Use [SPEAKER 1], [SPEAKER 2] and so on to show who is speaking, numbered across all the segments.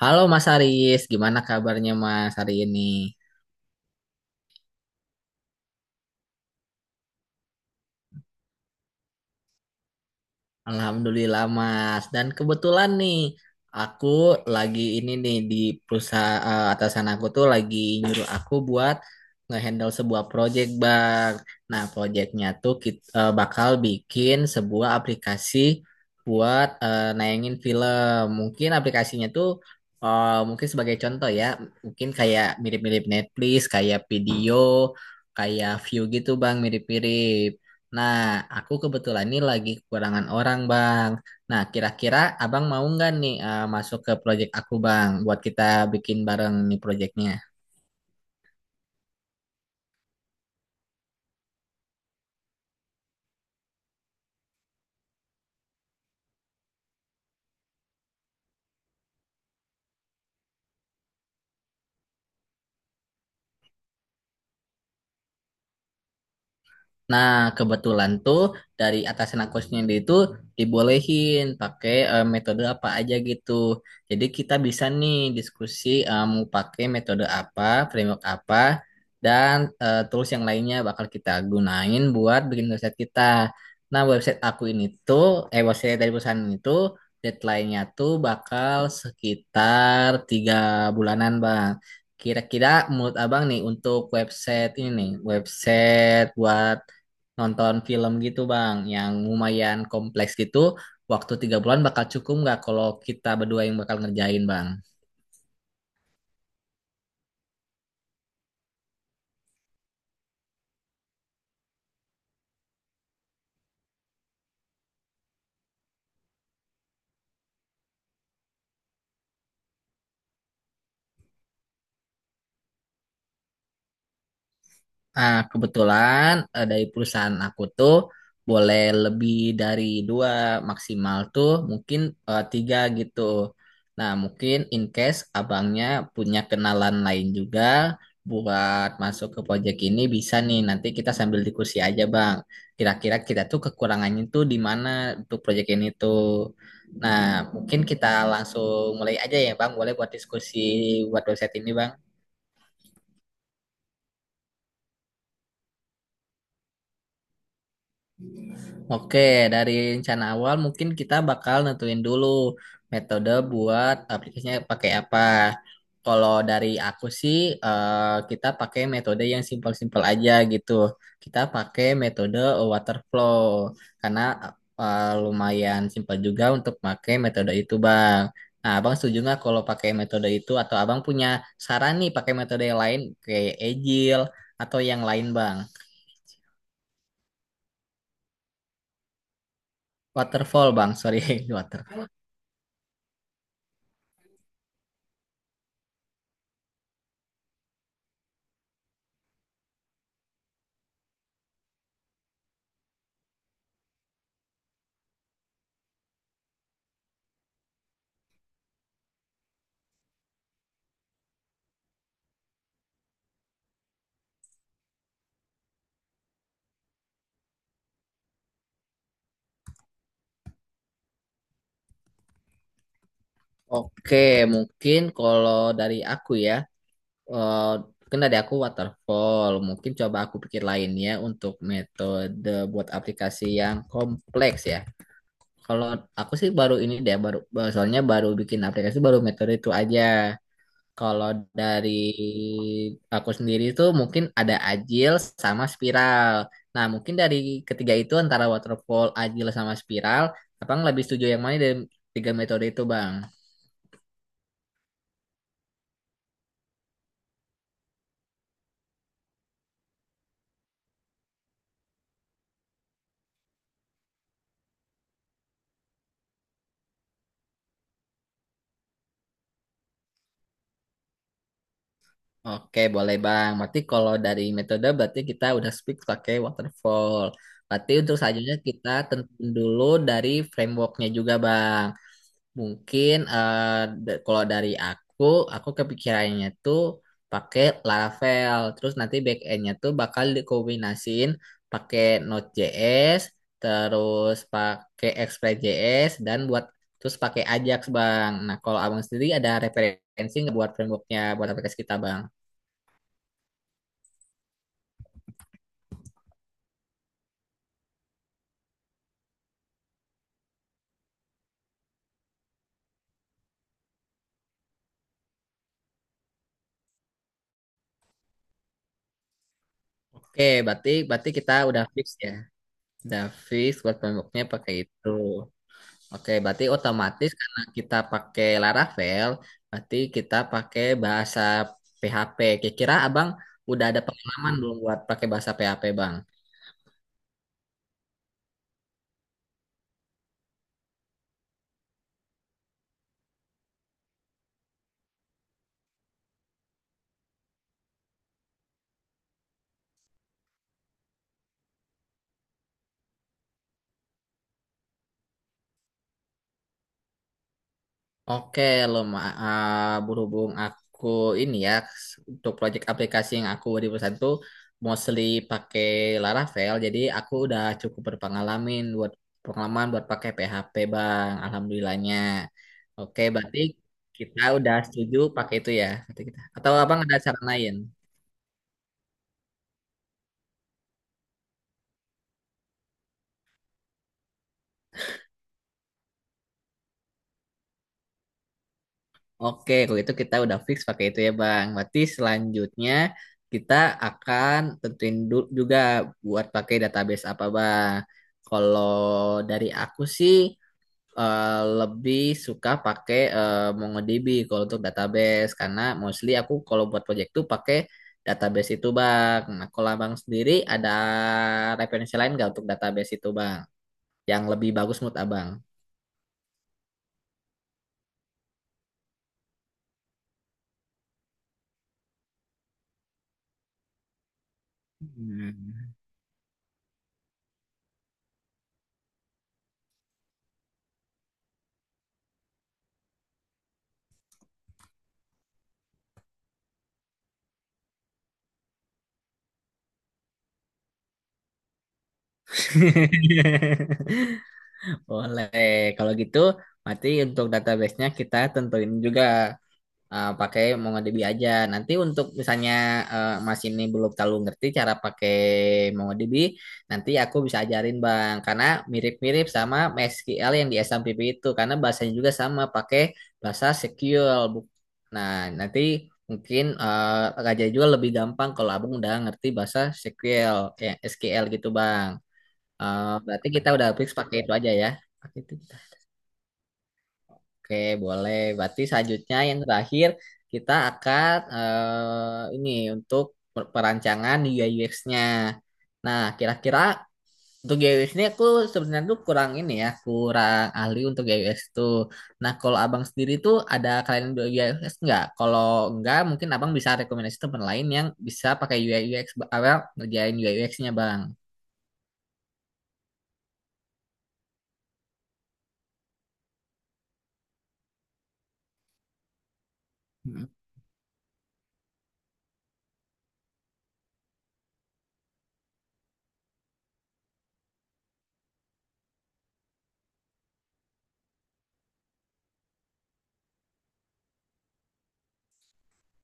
[SPEAKER 1] Halo Mas Haris, gimana kabarnya Mas hari ini? Alhamdulillah Mas. Dan kebetulan nih aku lagi ini nih di perusahaan atasan aku tuh lagi nyuruh aku buat ngehandle sebuah project Bang. Nah, projectnya tuh kita bakal bikin sebuah aplikasi buat nayangin film. Mungkin aplikasinya tuh mungkin sebagai contoh ya, mungkin kayak mirip-mirip Netflix, kayak video, kayak view gitu Bang, mirip-mirip. Nah, aku kebetulan ini lagi kekurangan orang, Bang. Nah, kira-kira Abang mau nggak nih masuk ke proyek aku, Bang, buat kita bikin bareng nih proyeknya? Nah, kebetulan tuh dari atasan aku sendiri itu dibolehin pakai metode apa aja gitu. Jadi kita bisa nih diskusi mau pakai metode apa, framework apa, dan tools yang lainnya bakal kita gunain buat bikin website kita. Nah, website aku ini tuh, website dari perusahaan ini tuh deadline-nya tuh bakal sekitar tiga bulanan, Bang. Kira-kira menurut Abang nih untuk website ini nih, website buat nonton film gitu Bang, yang lumayan kompleks gitu, waktu tiga bulan bakal cukup nggak kalau kita berdua yang bakal ngerjain Bang? Nah, kebetulan dari perusahaan aku tuh boleh lebih dari dua, maksimal tuh mungkin tiga gitu. Nah, mungkin in case abangnya punya kenalan lain juga buat masuk ke proyek ini bisa nih. Nanti kita sambil diskusi aja, Bang. Kira-kira kita tuh kekurangannya tuh di mana untuk proyek ini tuh. Nah, mungkin kita langsung mulai aja ya, Bang. Boleh buat diskusi buat website ini, Bang. Oke, dari rencana awal mungkin kita bakal nentuin dulu metode buat aplikasinya pakai apa. Kalau dari aku sih, kita pakai metode yang simpel-simpel aja gitu. Kita pakai metode waterflow karena lumayan simpel juga untuk pakai metode itu, Bang. Nah, Abang setuju nggak kalau pakai metode itu atau Abang punya saran nih pakai metode yang lain kayak Agile atau yang lain, Bang? Waterfall, Bang. Sorry, waterfall. Oke, mungkin kalau dari aku ya, eh, mungkin dari aku waterfall. Mungkin coba aku pikir lainnya untuk metode buat aplikasi yang kompleks ya. Kalau aku sih baru ini deh, baru baru- soalnya baru bikin aplikasi baru metode itu aja. Kalau dari aku sendiri itu mungkin ada agile sama spiral. Nah, mungkin dari ketiga itu antara waterfall, agile sama spiral, abang lebih setuju yang mana dari tiga metode itu, Bang? Oke, boleh Bang. Berarti kalau dari metode berarti kita udah speak pakai waterfall. Berarti untuk selanjutnya kita tentuin dulu dari frameworknya juga Bang. Mungkin kalau dari aku kepikirannya tuh pakai Laravel. Terus nanti backendnya tuh bakal dikombinasiin pakai Node.js, terus pakai Express.js, dan buat terus pakai Ajax Bang. Nah, kalau Abang sendiri ada referensi nggak buat frameworknya buat aplikasi kita Bang? Oke, berarti berarti kita udah fix ya. Udah fix buat pemboknya pakai itu. Oke, berarti otomatis karena kita pakai Laravel, berarti kita pakai bahasa PHP. Kira-kira Abang udah ada pengalaman belum buat pakai bahasa PHP, Bang? Oke, lo Ma- ah, Berhubung aku ini ya untuk proyek aplikasi yang aku di perusahaan tuh mostly pakai Laravel, jadi aku udah cukup berpengalaman buat pengalaman buat pakai PHP, Bang. Alhamdulillahnya. Oke, berarti kita udah setuju pakai itu ya, kata kita. Atau Abang ada saran lain? Oke, kalau itu kita udah fix pakai itu ya, Bang. Berarti selanjutnya kita akan juga buat pakai database apa, Bang. Kalau dari aku sih eh, lebih suka pakai MongoDB kalau untuk database karena mostly aku kalau buat project tuh pakai database itu, Bang. Nah, kalau Abang sendiri ada referensi lain nggak untuk database itu, Bang? Yang lebih bagus menurut Abang? Hmm. Boleh. Kalau gitu, nanti untuk database-nya kita tentuin juga pakai MongoDB aja. Nanti untuk misalnya Mas ini belum terlalu ngerti cara pakai MongoDB, nanti aku bisa ajarin Bang. Karena mirip-mirip sama MySQL yang di SMPP itu. Karena bahasanya juga sama, pakai bahasa SQL. Nah, nanti mungkin Raja juga lebih gampang kalau Abang udah ngerti bahasa SQL, kayak SQL gitu Bang. Berarti kita udah fix pakai itu aja ya. Pakai itu kita. Oke, boleh. Berarti selanjutnya yang terakhir kita akan ini untuk perancangan UI UX-nya. Nah, kira-kira untuk UI UX-nya aku sebenarnya tuh kurang ini ya, kurang ahli untuk UI UX tuh. Nah, kalau abang sendiri tuh ada kalian UI UX nggak? Kalau nggak, mungkin abang bisa rekomendasi teman lain yang bisa pakai UI UX, abang ngerjain UI UX-nya, bang.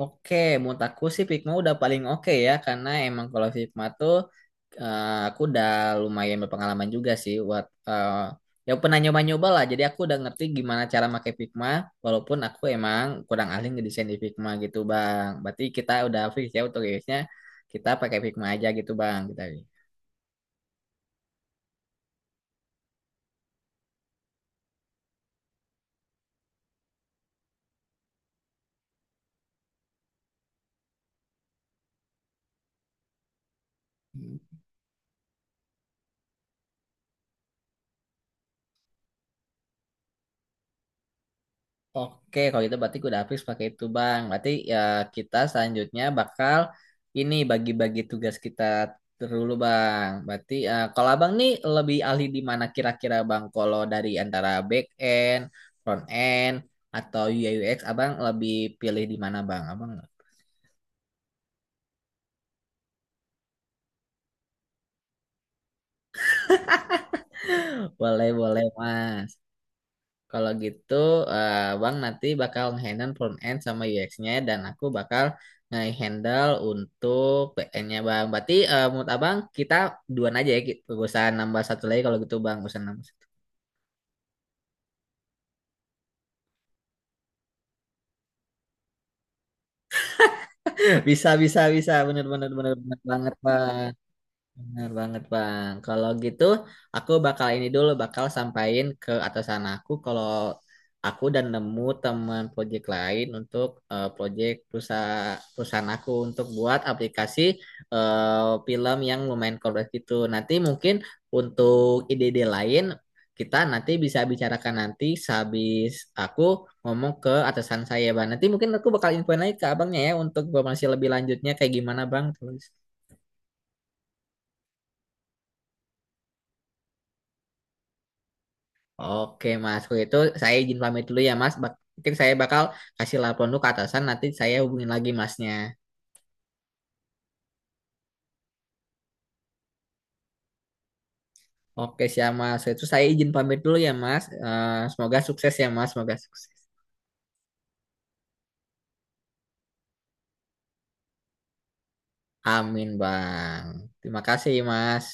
[SPEAKER 1] Oke, menurut aku sih Figma udah paling oke ya, karena emang kalau Figma tuh aku udah lumayan berpengalaman juga sih buat ya pernah nyoba-nyoba lah. Jadi aku udah ngerti gimana cara pakai Figma, walaupun aku emang kurang ahli ngedesain di Figma gitu, Bang. Berarti kita udah fix ya untuk rilisnya kita pakai Figma aja gitu, Bang. Kita. Oke, kalau itu berarti udah habis pakai itu, Bang. Berarti ya kita selanjutnya bakal ini bagi-bagi tugas kita dulu, Bang. Berarti kalau Abang nih lebih ahli di mana kira-kira, Bang? Kalau dari antara back end, front end, atau UI UX, Abang lebih pilih di mana, Bang? Abang boleh, boleh, Mas. Kalau gitu, eh, Bang nanti bakal nge-handle front end sama UX-nya dan aku bakal nge-handle untuk back-end-nya, Bang. Berarti menurut Abang kita duaan aja ya, gitu. Gak usah nambah satu lagi kalau gitu, Bang. Gak usah nambah satu. Bisa, bisa, bisa. Bener, bener, bener, bener banget, Bang. Benar banget Bang. Kalau gitu aku bakal ini dulu bakal sampaikan ke atasan aku kalau aku dan nemu teman proyek lain untuk proyek perusahaan perusahaan aku untuk buat aplikasi film yang lumayan kompleks gitu. Nanti mungkin untuk ide-ide lain kita nanti bisa bicarakan nanti sehabis aku ngomong ke atasan saya Bang. Nanti mungkin aku bakal infoin lagi ke abangnya ya untuk informasi lebih lanjutnya kayak gimana Bang terus. Oke Mas, kalau itu saya izin pamit dulu ya Mas. Mungkin saya bakal kasih laporan dulu ke atasan, nanti saya hubungin lagi Masnya. Oke siap Mas, kalau itu saya izin pamit dulu ya Mas. Semoga sukses ya Mas, semoga sukses. Amin Bang. Terima kasih Mas.